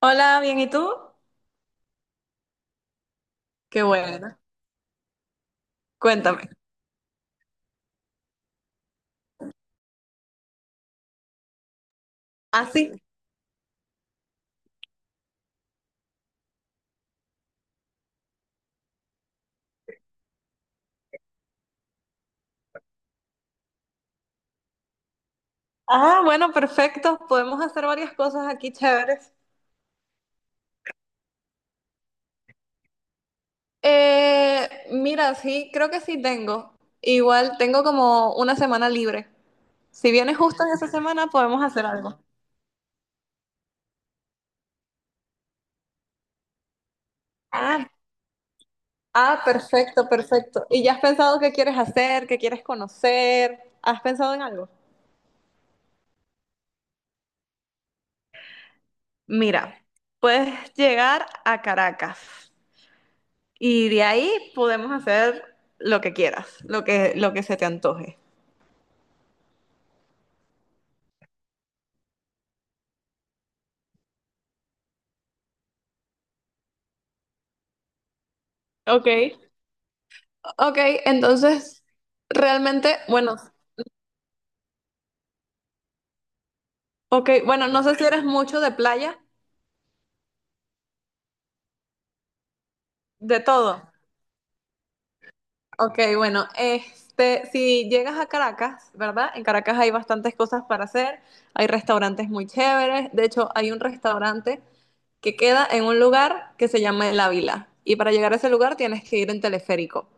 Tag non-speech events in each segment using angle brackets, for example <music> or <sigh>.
Hola, bien, ¿y tú? Qué bueno. Cuéntame. Ah, sí. Ah, bueno, perfecto. Podemos hacer varias cosas aquí chéveres. Mira, sí, creo que sí tengo. Igual tengo como una semana libre. Si vienes justo en esa semana, podemos hacer algo. Ah, ah, perfecto, perfecto. ¿Y ya has pensado qué quieres hacer, qué quieres conocer? ¿Has pensado en algo? Mira, puedes llegar a Caracas. Y de ahí podemos hacer lo que quieras, lo que se te antoje. Ok, ok, entonces, realmente, bueno, ok, bueno, no sé si eres mucho de playa, de todo. Ok, bueno, este, si llegas a Caracas, ¿verdad? En Caracas hay bastantes cosas para hacer, hay restaurantes muy chéveres, de hecho, hay un restaurante que queda en un lugar que se llama El Ávila, y para llegar a ese lugar tienes que ir en teleférico.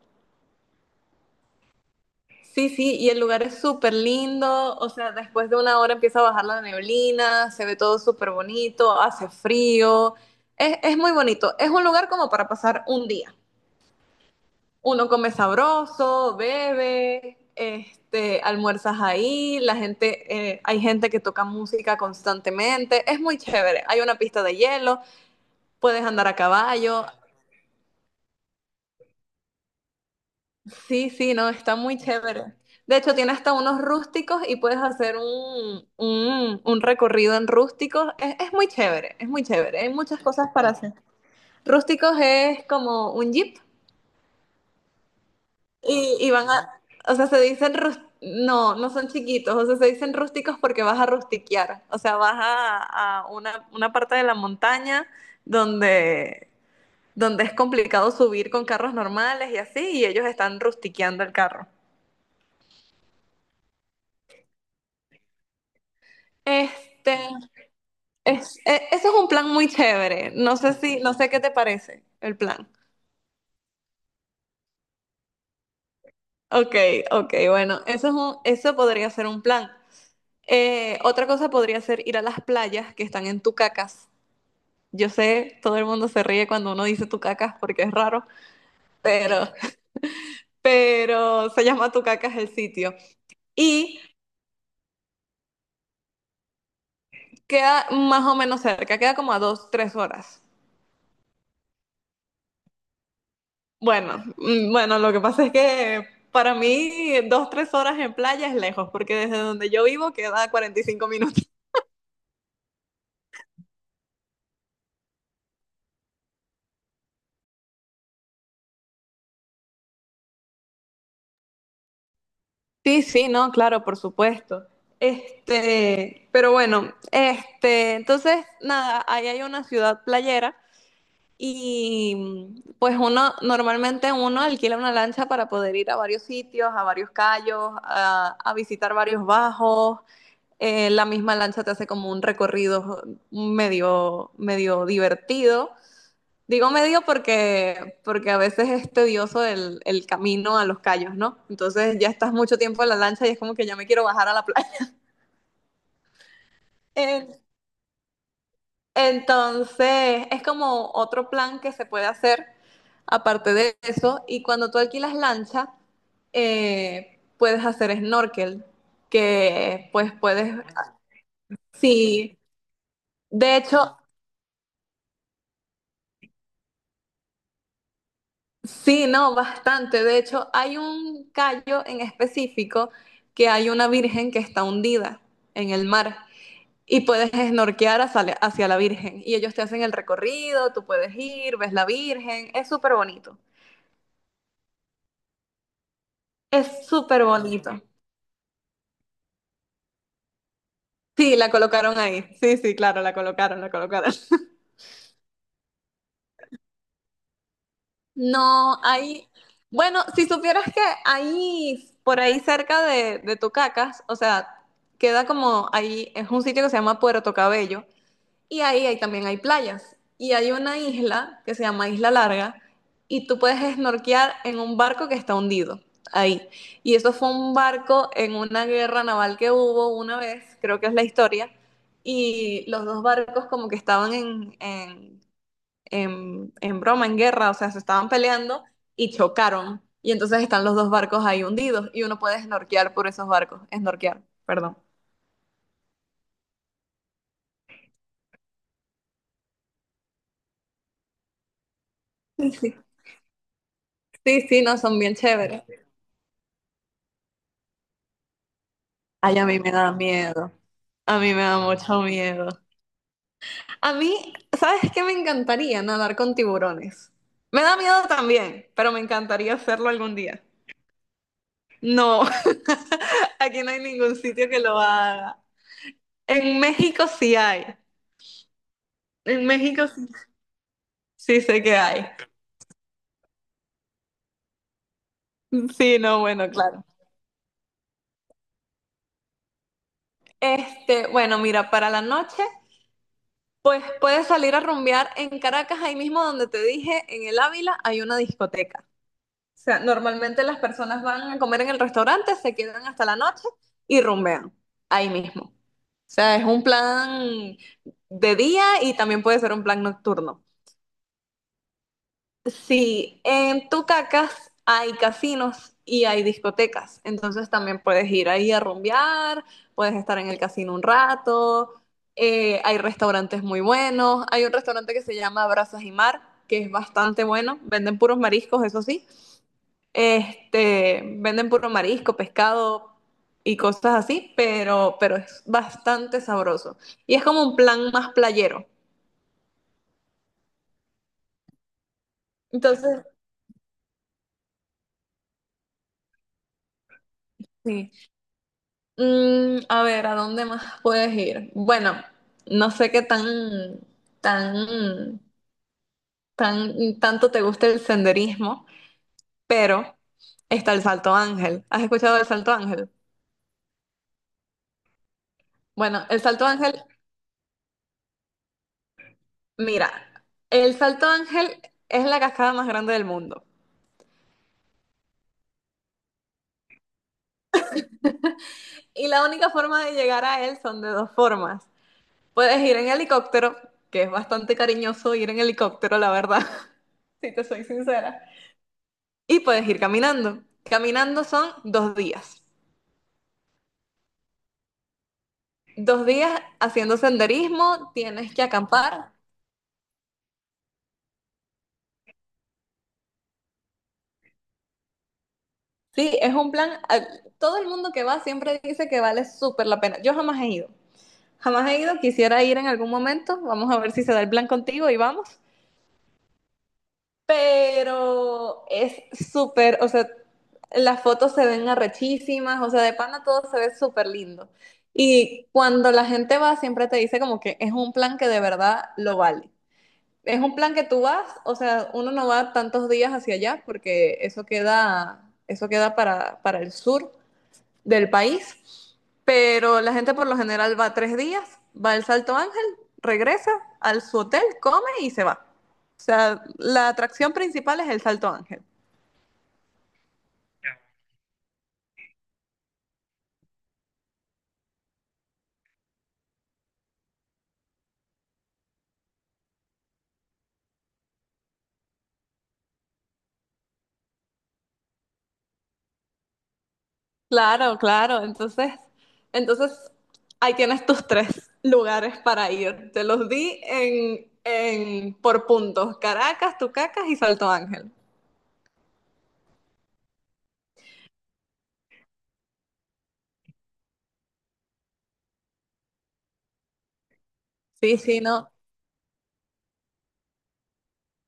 Sí, sí, y el lugar es súper lindo, o sea, después de una hora empieza a bajar la neblina, se ve todo súper bonito, hace frío, es muy bonito, es un lugar como para pasar un día. Uno come sabroso, bebe, este, almuerzas ahí, la gente, hay gente que toca música constantemente, es muy chévere, hay una pista de hielo, puedes andar a caballo. Sí, sí, no, está muy chévere. De hecho, tiene hasta unos rústicos y puedes hacer un recorrido en rústicos. Es muy chévere, es muy chévere. Hay muchas cosas para hacer. Rústicos es como un jeep y, o sea, no, no son chiquitos, o sea, se dicen rústicos porque vas a rustiquear. O sea, vas a una parte de la montaña donde, donde es complicado subir con carros normales y así, y ellos están rustiqueando el carro. Este, ese es un plan muy chévere. No sé qué te parece el plan. Ok, ok, bueno, eso podría ser un plan. Otra cosa podría ser ir a las playas que están en Tucacas. Yo sé, todo el mundo se ríe cuando uno dice Tucacas porque es raro, pero, pero se llama Tucacas el sitio. Y queda más o menos cerca, queda como a 2, 3 horas. Bueno, mm, bueno, lo que pasa es que para mí 2, 3 horas en playa es lejos, porque desde donde yo vivo queda 45 minutos. Sí, sí, no, claro, por supuesto. Este, pero bueno, este, entonces, nada, ahí hay una ciudad playera y mm, pues uno, normalmente uno alquila una lancha para poder ir a varios sitios, a varios cayos, a visitar varios bajos, la misma lancha te hace como un recorrido medio, medio divertido. Digo medio porque a veces es tedioso el camino a los callos, ¿no? Entonces ya estás mucho tiempo en la lancha y es como que ya me quiero bajar a la playa. <laughs> En- Entonces es como otro plan que se puede hacer aparte de eso. Y cuando tú alquilas lancha, puedes hacer snorkel, que pues puedes, sí. De hecho, sí, no, bastante. De hecho, hay un callo en específico que hay una virgen que está hundida en el mar y puedes snorkear hacia la virgen. Y ellos te hacen el recorrido, tú puedes ir, ves la virgen. Es súper bonito. Es súper bonito. Sí, la colocaron ahí. Sí, sí, claro, la colocaron, la colocaron. <laughs> No, ahí, bueno, si supieras que ahí, por ahí cerca de Tucacas, o sea, queda como ahí, es un sitio que se llama Puerto Cabello. Y ahí, ahí también hay playas. Y hay una isla que se llama Isla Larga y tú puedes esnorquear en un barco que está hundido ahí. Y eso fue un barco en una guerra naval que hubo una vez, creo que es la historia, y los dos barcos como que estaban en broma, en guerra, o sea, se estaban peleando y chocaron. Y entonces están los dos barcos ahí hundidos y uno puede snorquear por esos barcos, esnorquear, perdón. Sí, sí, sí, no, son bien chéveres. Ay, a mí me da miedo. A mí me da mucho miedo. A mí, ¿sabes qué? Me encantaría nadar con tiburones. Me da miedo también, pero me encantaría hacerlo algún día. No, <laughs> aquí no hay ningún sitio que lo haga. En México sí hay. En México sí, sí sé que hay. Sí, no, bueno, claro. Este, bueno, mira, para la noche, pues puedes salir a rumbear en Caracas, ahí mismo donde te dije, en el Ávila hay una discoteca. O sea, normalmente las personas van a comer en el restaurante, se quedan hasta la noche y rumbean ahí mismo. O sea, es un plan de día y también puede ser un plan nocturno. Sí, en Tucacas hay casinos y hay discotecas, entonces también puedes ir ahí a rumbear, puedes estar en el casino un rato, hay restaurantes muy buenos, hay un restaurante que se llama Brazas y Mar, que es bastante bueno, venden puros mariscos, eso sí, este, venden puro marisco, pescado y cosas así, pero es bastante sabroso. Y es como un plan más playero. Entonces, sí. Mm, a ver, ¿a dónde más puedes ir? Bueno, no sé qué tan, tanto te gusta el senderismo, pero está el Salto Ángel. ¿Has escuchado del Salto Ángel? Bueno, mira, el Salto Ángel es la cascada más grande del mundo. Y la única forma de llegar a él son de dos formas. Puedes ir en helicóptero, que es bastante cariñoso ir en helicóptero, la verdad, <laughs> si te soy sincera. Y puedes ir caminando. Caminando son 2 días. 2 días haciendo senderismo, tienes que acampar. Sí, es un plan. Todo el mundo que va siempre dice que vale súper la pena. Yo jamás he ido. Jamás he ido, quisiera ir en algún momento. Vamos a ver si se da el plan contigo y vamos. Pero es súper, o sea, las fotos se ven arrechísimas, o sea, de pana todo se ve súper lindo. Y cuando la gente va, siempre te dice como que es un plan que de verdad lo vale. Es un plan que tú vas, o sea, uno no va tantos días hacia allá porque eso queda para el sur del país. Pero la gente por lo general va 3 días, va al Salto Ángel, regresa al su hotel, come y se va. O sea, la atracción principal es el Salto Ángel. Claro, claro. Entonces ahí tienes tus tres lugares para ir. Te los di por puntos, Caracas, Tucacas y Salto Ángel. Sí, sí, no.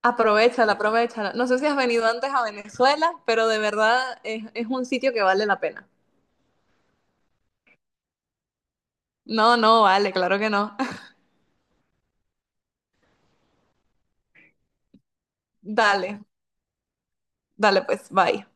Aprovechala, aprovechala. No sé si has venido antes a Venezuela, pero de verdad es un sitio que vale la pena. No, no, vale, claro que no. Dale, dale pues, bye.